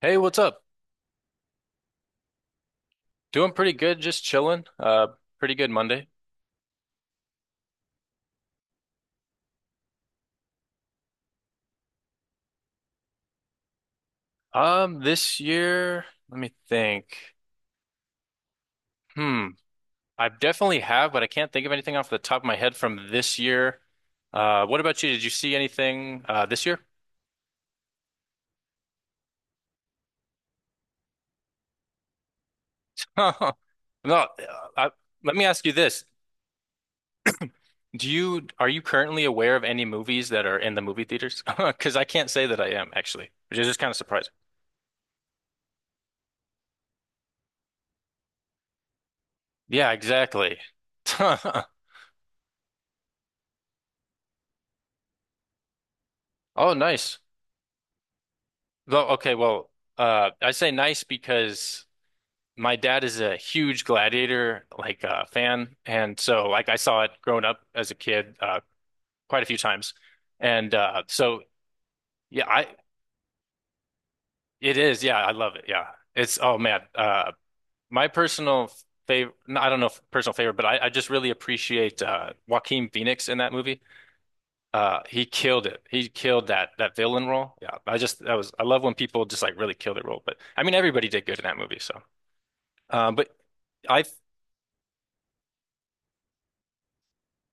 Hey, what's up? Doing pretty good, just chilling. Pretty good Monday. This year, let me think. Hmm, I definitely have, but I can't think of anything off the top of my head from this year. What about you? Did you see anything this year? No, I, let me ask you this. Do you Are you currently aware of any movies that are in the movie theaters? Because I can't say that I am actually, which is just kind of surprising. Yeah, exactly. Oh, nice. Though, okay, well, I say nice because my dad is a huge Gladiator fan, and so like I saw it growing up as a kid quite a few times, and so yeah, I it is, yeah, I love it, yeah, it's oh man, my personal favorite, I don't know if personal favorite, but I just really appreciate Joaquin Phoenix in that movie. He killed it. He killed that villain role. Yeah, I just, that was, I love when people just like really kill their role, but I mean everybody did good in that movie so. But I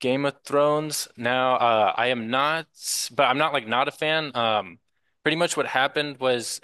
Game of Thrones now. I am not, but I'm not like not a fan. Pretty much what happened was,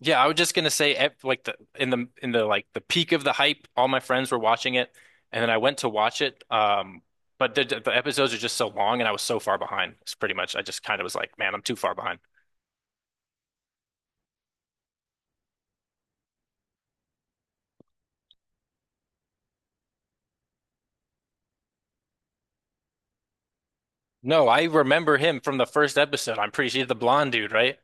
yeah, I was just gonna say, at, like the peak of the hype, all my friends were watching it, and then I went to watch it. But the episodes are just so long, and I was so far behind. It's pretty much, I just kind of was like, man, I'm too far behind. No, I remember him from the first episode. I'm pretty sure he's the blonde dude, right?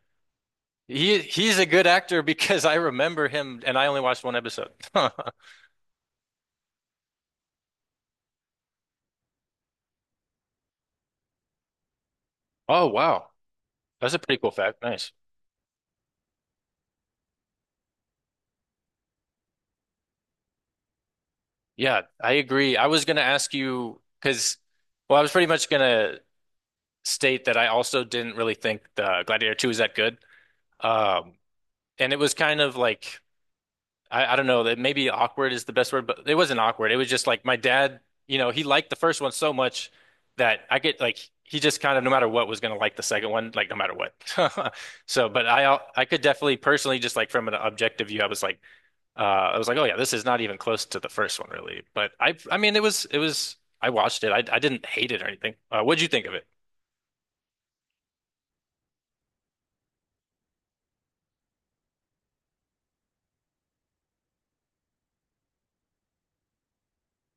He's a good actor because I remember him and I only watched one episode. Oh wow. That's a pretty cool fact. Nice. Yeah, I agree. I was gonna ask you because, well, I was pretty much gonna state that I also didn't really think the Gladiator 2 was that good. Um and it was kind of like, I don't know that maybe awkward is the best word, but it wasn't awkward. It was just like my dad, you know, he liked the first one so much that I get like he just kind of no matter what was going to like the second one, like no matter what. So, but I could definitely personally just like from an objective view, I was like, I was like, oh yeah, this is not even close to the first one really. But I mean it was, it was, I watched it. I didn't hate it or anything. What'd you think of it?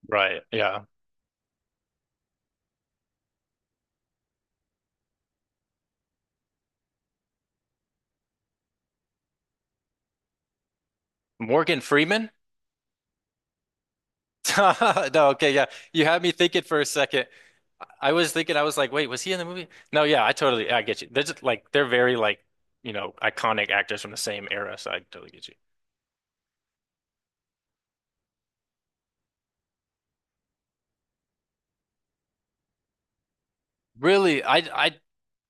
Right. Yeah. Morgan Freeman? No, okay, yeah. You had me thinking for a second. I was thinking, I was like, wait, was he in the movie? No, yeah, I totally, I get you. They're just like, they're very like, you know, iconic actors from the same era, so I totally get you. Really, I,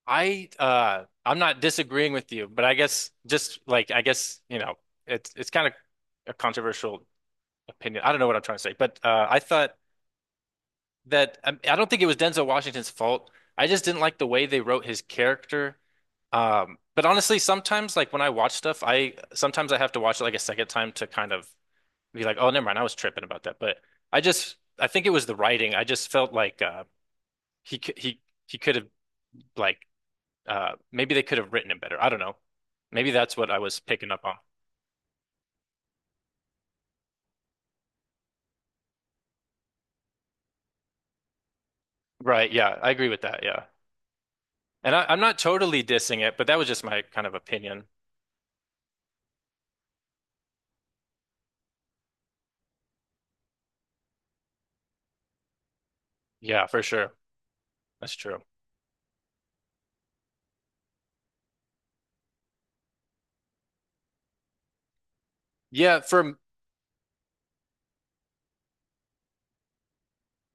I'm not disagreeing with you, but I guess just like, I guess, you know, it's kind of a controversial opinion. I don't know what I'm trying to say, but, I thought that I don't think it was Denzel Washington's fault. I just didn't like the way they wrote his character. But honestly, sometimes like when I watch stuff, I sometimes I have to watch it like a second time to kind of be like, oh, never mind, I was tripping about that. But I think it was the writing. I just felt like he c- he could have like, maybe they could have written it better. I don't know. Maybe that's what I was picking up on. Right? Yeah, I agree with that. Yeah, and I'm not totally dissing it, but that was just my kind of opinion. Yeah, for sure, that's true. Yeah, for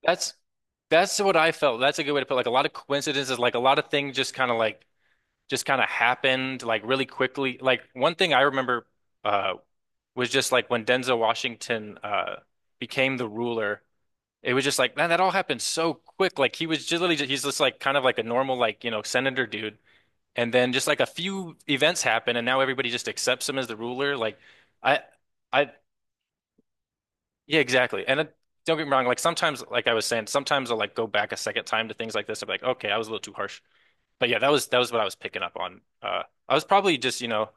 That's that's what I felt. That's a good way to put it. Like a lot of coincidences, like a lot of things just kind of like just kind of happened like really quickly. Like one thing I remember uh was just like when Denzel Washington became the ruler, it was just like man, that all happened so quick. Like he was just literally just, he's just like kind of like a normal like, you know, senator dude. And then just like a few events happen and now everybody just accepts him as the ruler. Like I I yeah, exactly. And it, don't get me wrong, like sometimes, like I was saying, sometimes I'll like go back a second time to things like this. I'm like, okay, I was a little too harsh. But yeah, that was what I was picking up on. I was probably just, you know,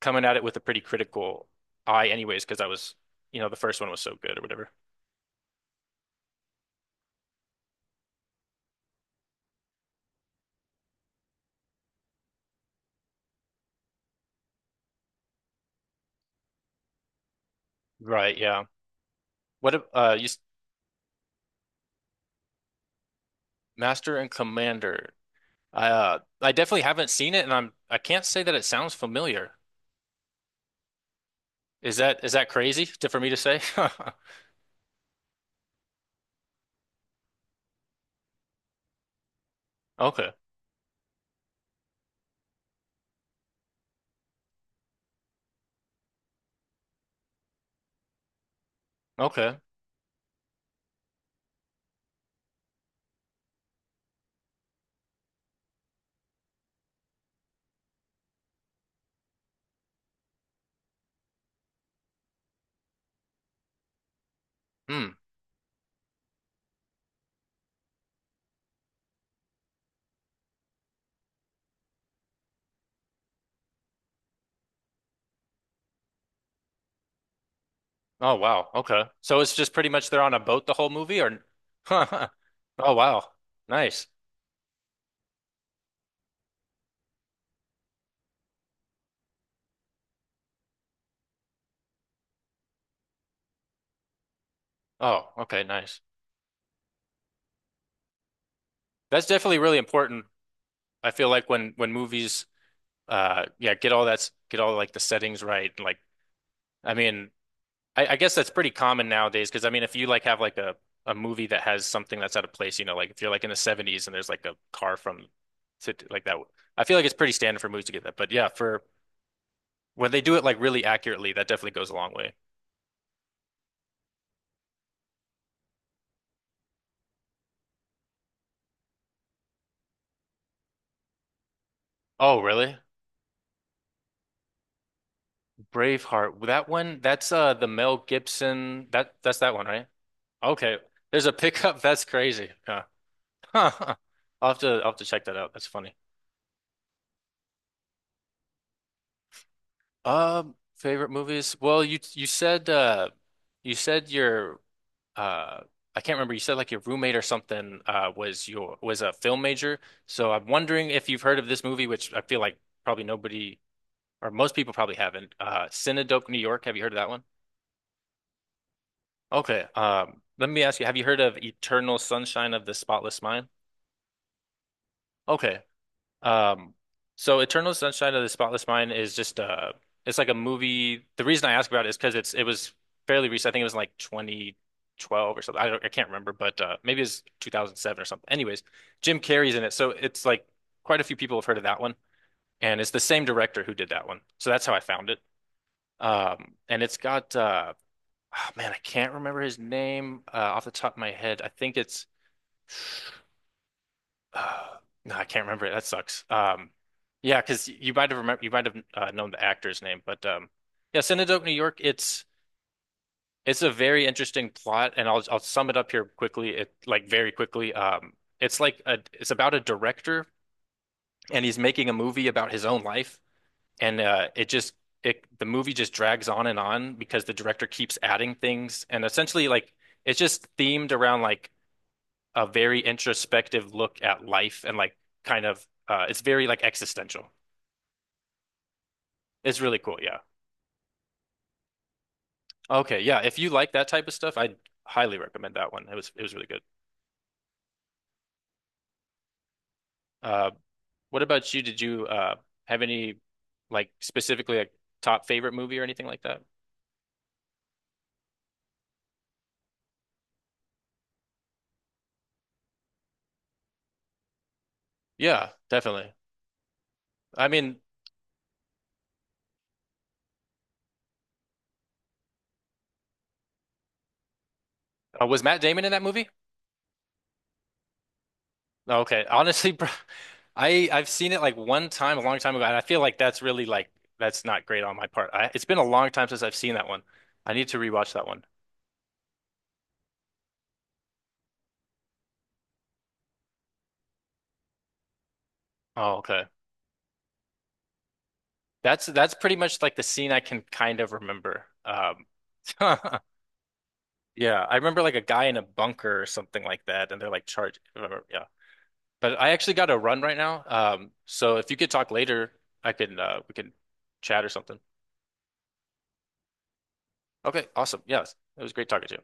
coming at it with a pretty critical eye anyways, because I was, you know, the first one was so good or whatever. Right, yeah. What if, you s- Master and Commander. I definitely haven't seen it and I'm I can't say that it sounds familiar. Is that crazy to, for me to say? Okay. Okay. Hmm. Oh wow. Okay. So it's just pretty much they're on a boat the whole movie or oh wow. Nice. Oh, okay, nice. That's definitely really important. I feel like when movies, yeah, get all that's get all like the settings right. And, like I mean, I guess that's pretty common nowadays because I mean if you like have like a movie that has something that's out of place, you know, like if you're like in the 70s and there's like a car from like that, I feel like it's pretty standard for movies to get that. But yeah, for when they do it like really accurately, that definitely goes a long way. Oh, really? Braveheart. That one, that's the Mel Gibson. That's that one, right? Okay. There's a pickup. That's crazy. Yeah. I'll I'll have to check that out. That's funny. Favorite movies? Well, you said your uh I can't remember. You said like your roommate or something was a film major. So I'm wondering if you've heard of this movie, which I feel like probably nobody or most people probably haven't. Cinedope, New York. Have you heard of that one? Okay. Let me ask you, have you heard of Eternal Sunshine of the Spotless Mind? Okay. Um, so Eternal Sunshine of the Spotless Mind is just it's like a movie. The reason I ask about it is because it was fairly recent. I think it was in like 2012 or something. I can't remember, but maybe it's 2007 or something. Anyways, Jim Carrey's in it. So it's like quite a few people have heard of that one. And it's the same director who did that one. So that's how I found it. And it's got oh, man, I can't remember his name off the top of my head. I think it's Uh, no, I can't remember it. That sucks. Yeah, because you might have known the actor's name, but yeah, Cinedope New York. It's a very interesting plot, and I'll sum it up here quickly. It Like very quickly. It's like a, it's about a director, and he's making a movie about his own life, and it just, it the movie just drags on and on because the director keeps adding things, and essentially like it's just themed around like a very introspective look at life and like kind of it's very like existential. It's really cool, yeah. Okay, yeah. If you like that type of stuff, I highly recommend that one. It was really good. Uh, what about you? Did you have any like specifically like top favorite movie or anything like that? Yeah, definitely. I mean, was Matt Damon in that movie? Okay, honestly, bro, I've seen it like one time a long time ago, and I feel like that's really like that's not great on my part. It's been a long time since I've seen that one. I need to rewatch that one. Oh, okay. That's pretty much like the scene I can kind of remember. Yeah, I remember like a guy in a bunker or something like that, and they're like charged. Remember, yeah, but I actually got to run right now. So if you could talk later, I can we can chat or something. Okay, awesome. Yes, it was great talking to you.